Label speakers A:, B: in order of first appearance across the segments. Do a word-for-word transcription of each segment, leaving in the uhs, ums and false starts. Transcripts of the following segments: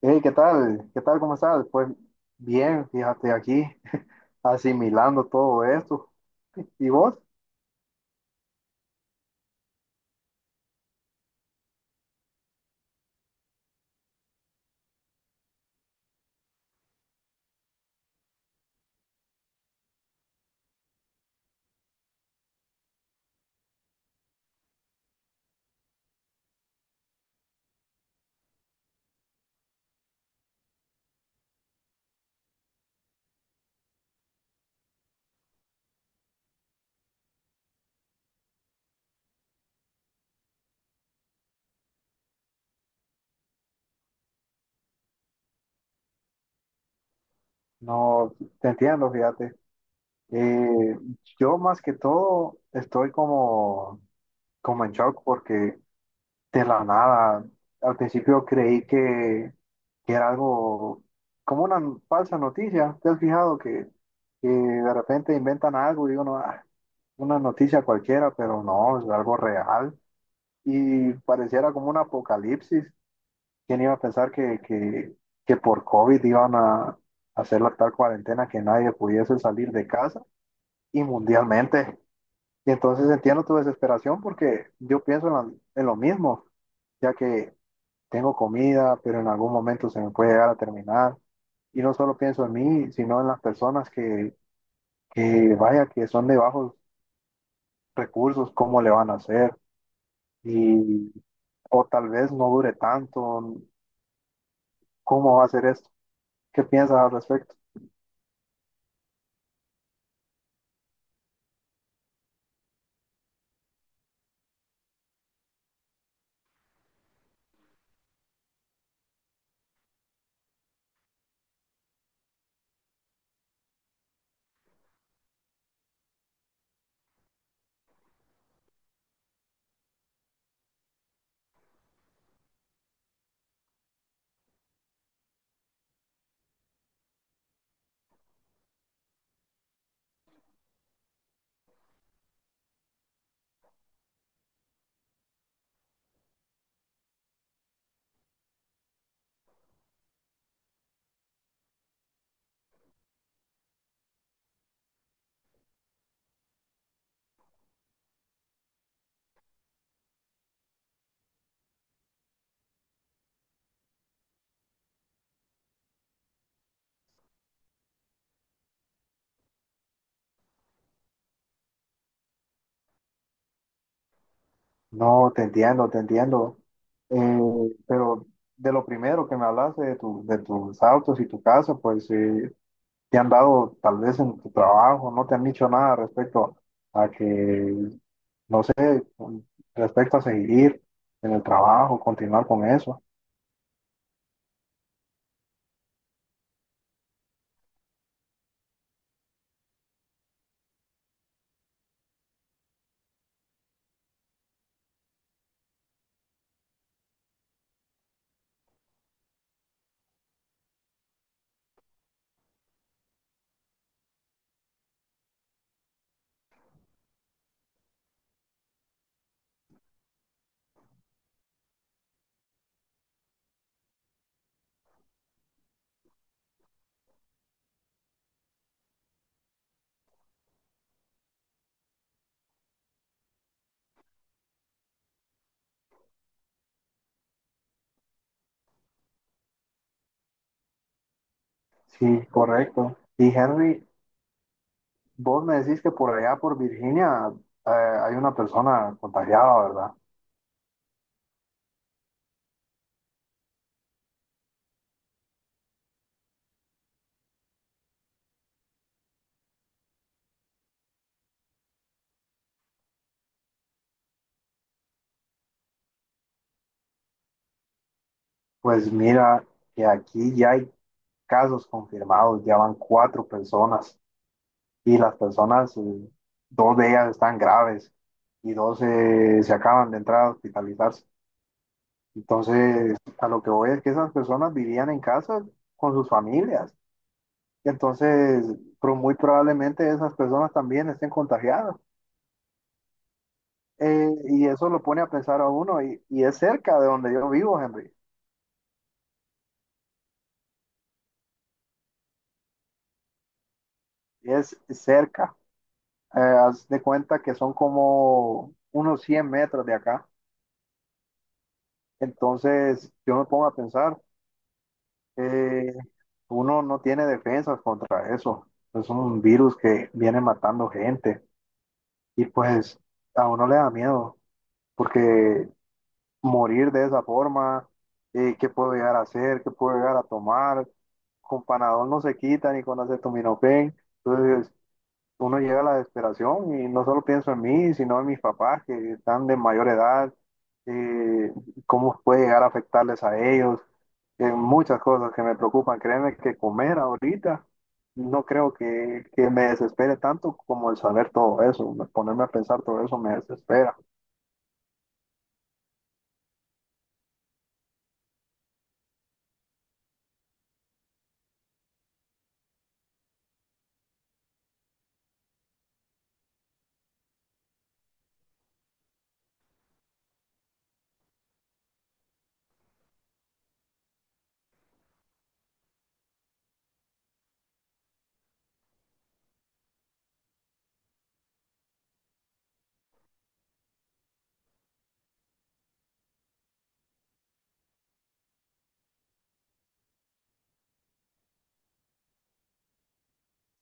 A: Hey, ¿qué tal? ¿Qué tal? ¿Cómo estás? Pues bien, fíjate aquí, asimilando todo esto. ¿Y vos? No, te entiendo, fíjate. Eh, yo más que todo estoy como, como en shock porque de la nada, al principio creí que, que era algo como una falsa noticia. ¿Te has fijado que, que de repente inventan algo y uno, "Ah, una noticia cualquiera, pero no, es algo real? Y pareciera como un apocalipsis. ¿Quién iba a pensar que, que, que por COVID iban a hacer la tal cuarentena que nadie pudiese salir de casa y mundialmente? Y entonces entiendo tu desesperación porque yo pienso en, la- en lo mismo, ya que tengo comida, pero en algún momento se me puede llegar a terminar. Y no solo pienso en mí, sino en las personas que, que vaya, que son de bajos recursos, cómo le van a hacer. Y, o tal vez no dure tanto, ¿cómo va a ser esto? ¿Qué piensas al respecto? No, te entiendo, te entiendo. Eh, pero de lo primero que me hablaste de, tu- de tus autos y tu casa, pues eh, te han dado tal vez en tu trabajo, no te han dicho nada respecto a que, no sé, con- respecto a seguir en el trabajo, continuar con eso. Sí, correcto. Y Henry, vos me decís que por allá, por Virginia, eh, hay una persona contagiada, ¿verdad? Pues mira, que aquí ya hay casos confirmados, ya van cuatro personas y las personas, eh, dos de ellas están graves y dos eh, se acaban de entrar a hospitalizarse. Entonces, a lo que voy es que esas personas vivían en casa con sus familias. Entonces, pro- muy probablemente esas personas también estén contagiadas. Eh, y eso lo pone a pensar a uno. Y, y es cerca de donde yo vivo, Henry. Es cerca. Eh, haz de cuenta que son como unos cien metros de acá. Entonces, yo me pongo a pensar, eh, uno no tiene defensas contra eso. Es un virus que viene matando gente y pues a uno le da miedo porque morir de esa forma, eh, ¿qué puedo llegar a hacer? ¿Qué puedo llegar a tomar? Con Panadol no se quita ni con acetaminofén. Entonces, uno llega a la desesperación y no solo pienso en mí, sino en mis papás que están de mayor edad, eh, cómo puede llegar a afectarles a ellos, eh, muchas cosas que me preocupan. Créeme que comer ahorita no creo que, que me desespere tanto como el saber todo eso, ponerme a pensar todo eso me desespera.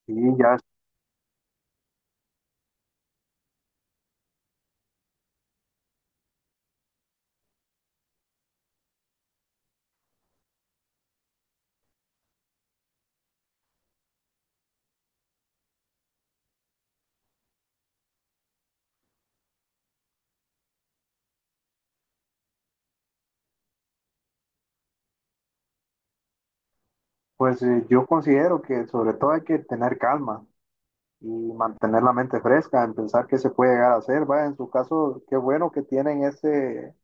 A: Y ya, pues eh, yo considero que sobre todo hay que tener calma y mantener la mente fresca en pensar qué se puede llegar a hacer. Va, en su caso, qué bueno que tienen ese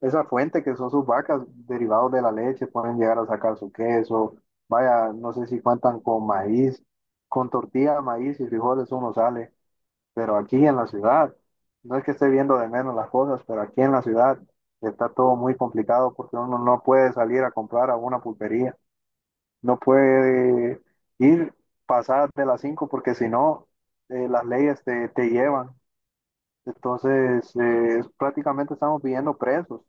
A: esa fuente que son sus vacas, derivados de la leche, pueden llegar a sacar su queso. Vaya, no sé si cuentan con maíz, con tortilla, maíz y frijoles uno sale, pero aquí en la ciudad, no es que esté viendo de menos las cosas, pero aquí en la ciudad está todo muy complicado porque uno no puede salir a comprar a una pulpería, no puede ir pasar de las cinco porque si no, eh, las leyes te, te llevan. Entonces, eh, prácticamente estamos viviendo presos.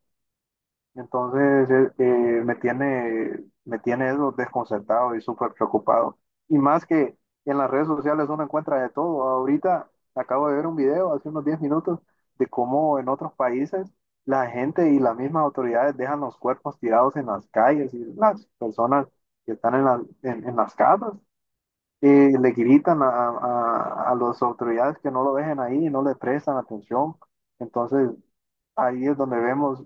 A: Entonces, eh, eh, me tiene, me tiene eso desconcertado y súper preocupado. Y más que en las redes sociales uno encuentra de todo. Ahorita acabo de ver un video hace unos diez minutos de cómo en otros países la gente y las mismas autoridades dejan los cuerpos tirados en las calles y las personas que están en, la- en, en las casas eh, le gritan a, a, a las autoridades que no lo dejen ahí y no le prestan atención. Entonces, ahí es donde vemos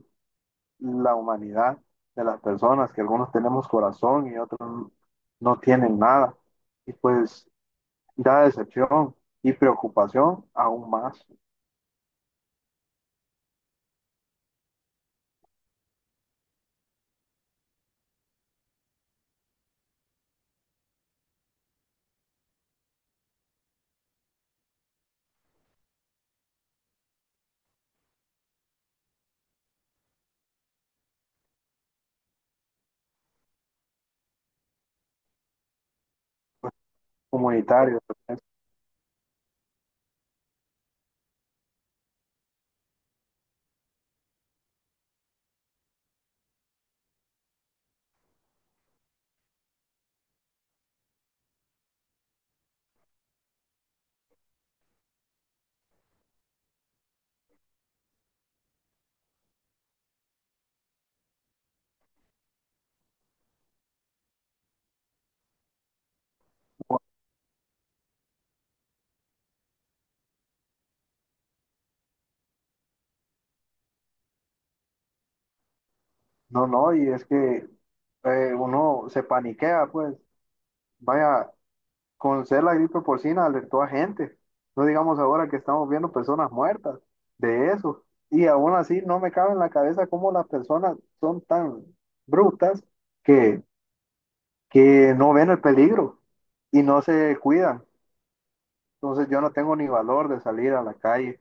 A: la humanidad de las personas, que algunos tenemos corazón y otros no tienen nada. Y pues da decepción y preocupación aún más comunitario. No, no, y es que eh, uno se paniquea, pues, vaya, con ser la gripe porcina alertó a gente. No digamos ahora que estamos viendo personas muertas de eso. Y aún así no me cabe en la cabeza cómo las personas son tan brutas que que no ven el peligro y no se cuidan. Entonces yo no tengo ni valor de salir a la calle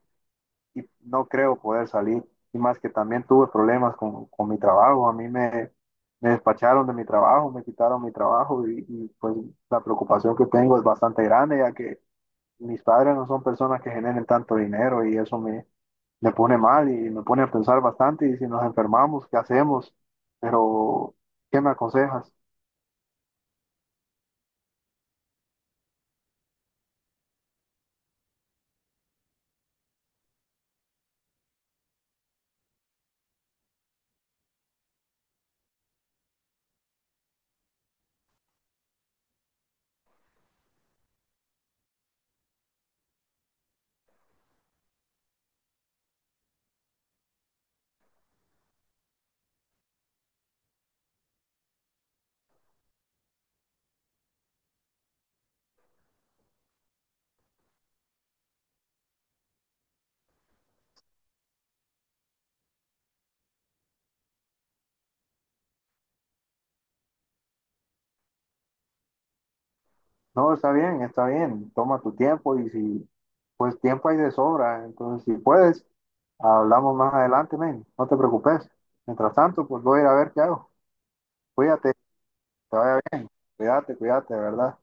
A: y no creo poder salir. Y más que también tuve problemas con, con mi trabajo. A mí me, me despacharon de mi trabajo, me quitaron mi trabajo y, y, pues la preocupación que tengo es bastante grande ya que mis padres no son personas que generen tanto dinero y eso me, me pone mal y me pone a pensar bastante y si nos enfermamos, ¿qué hacemos? Pero, ¿qué me aconsejas? No, está bien, está bien. Toma tu tiempo y si, pues tiempo hay de sobra. Entonces, si puedes, hablamos más adelante, men. No te preocupes. Mientras tanto, pues voy a ir a ver qué hago. Cuídate, te vaya bien, cuídate, cuídate, de ¿verdad?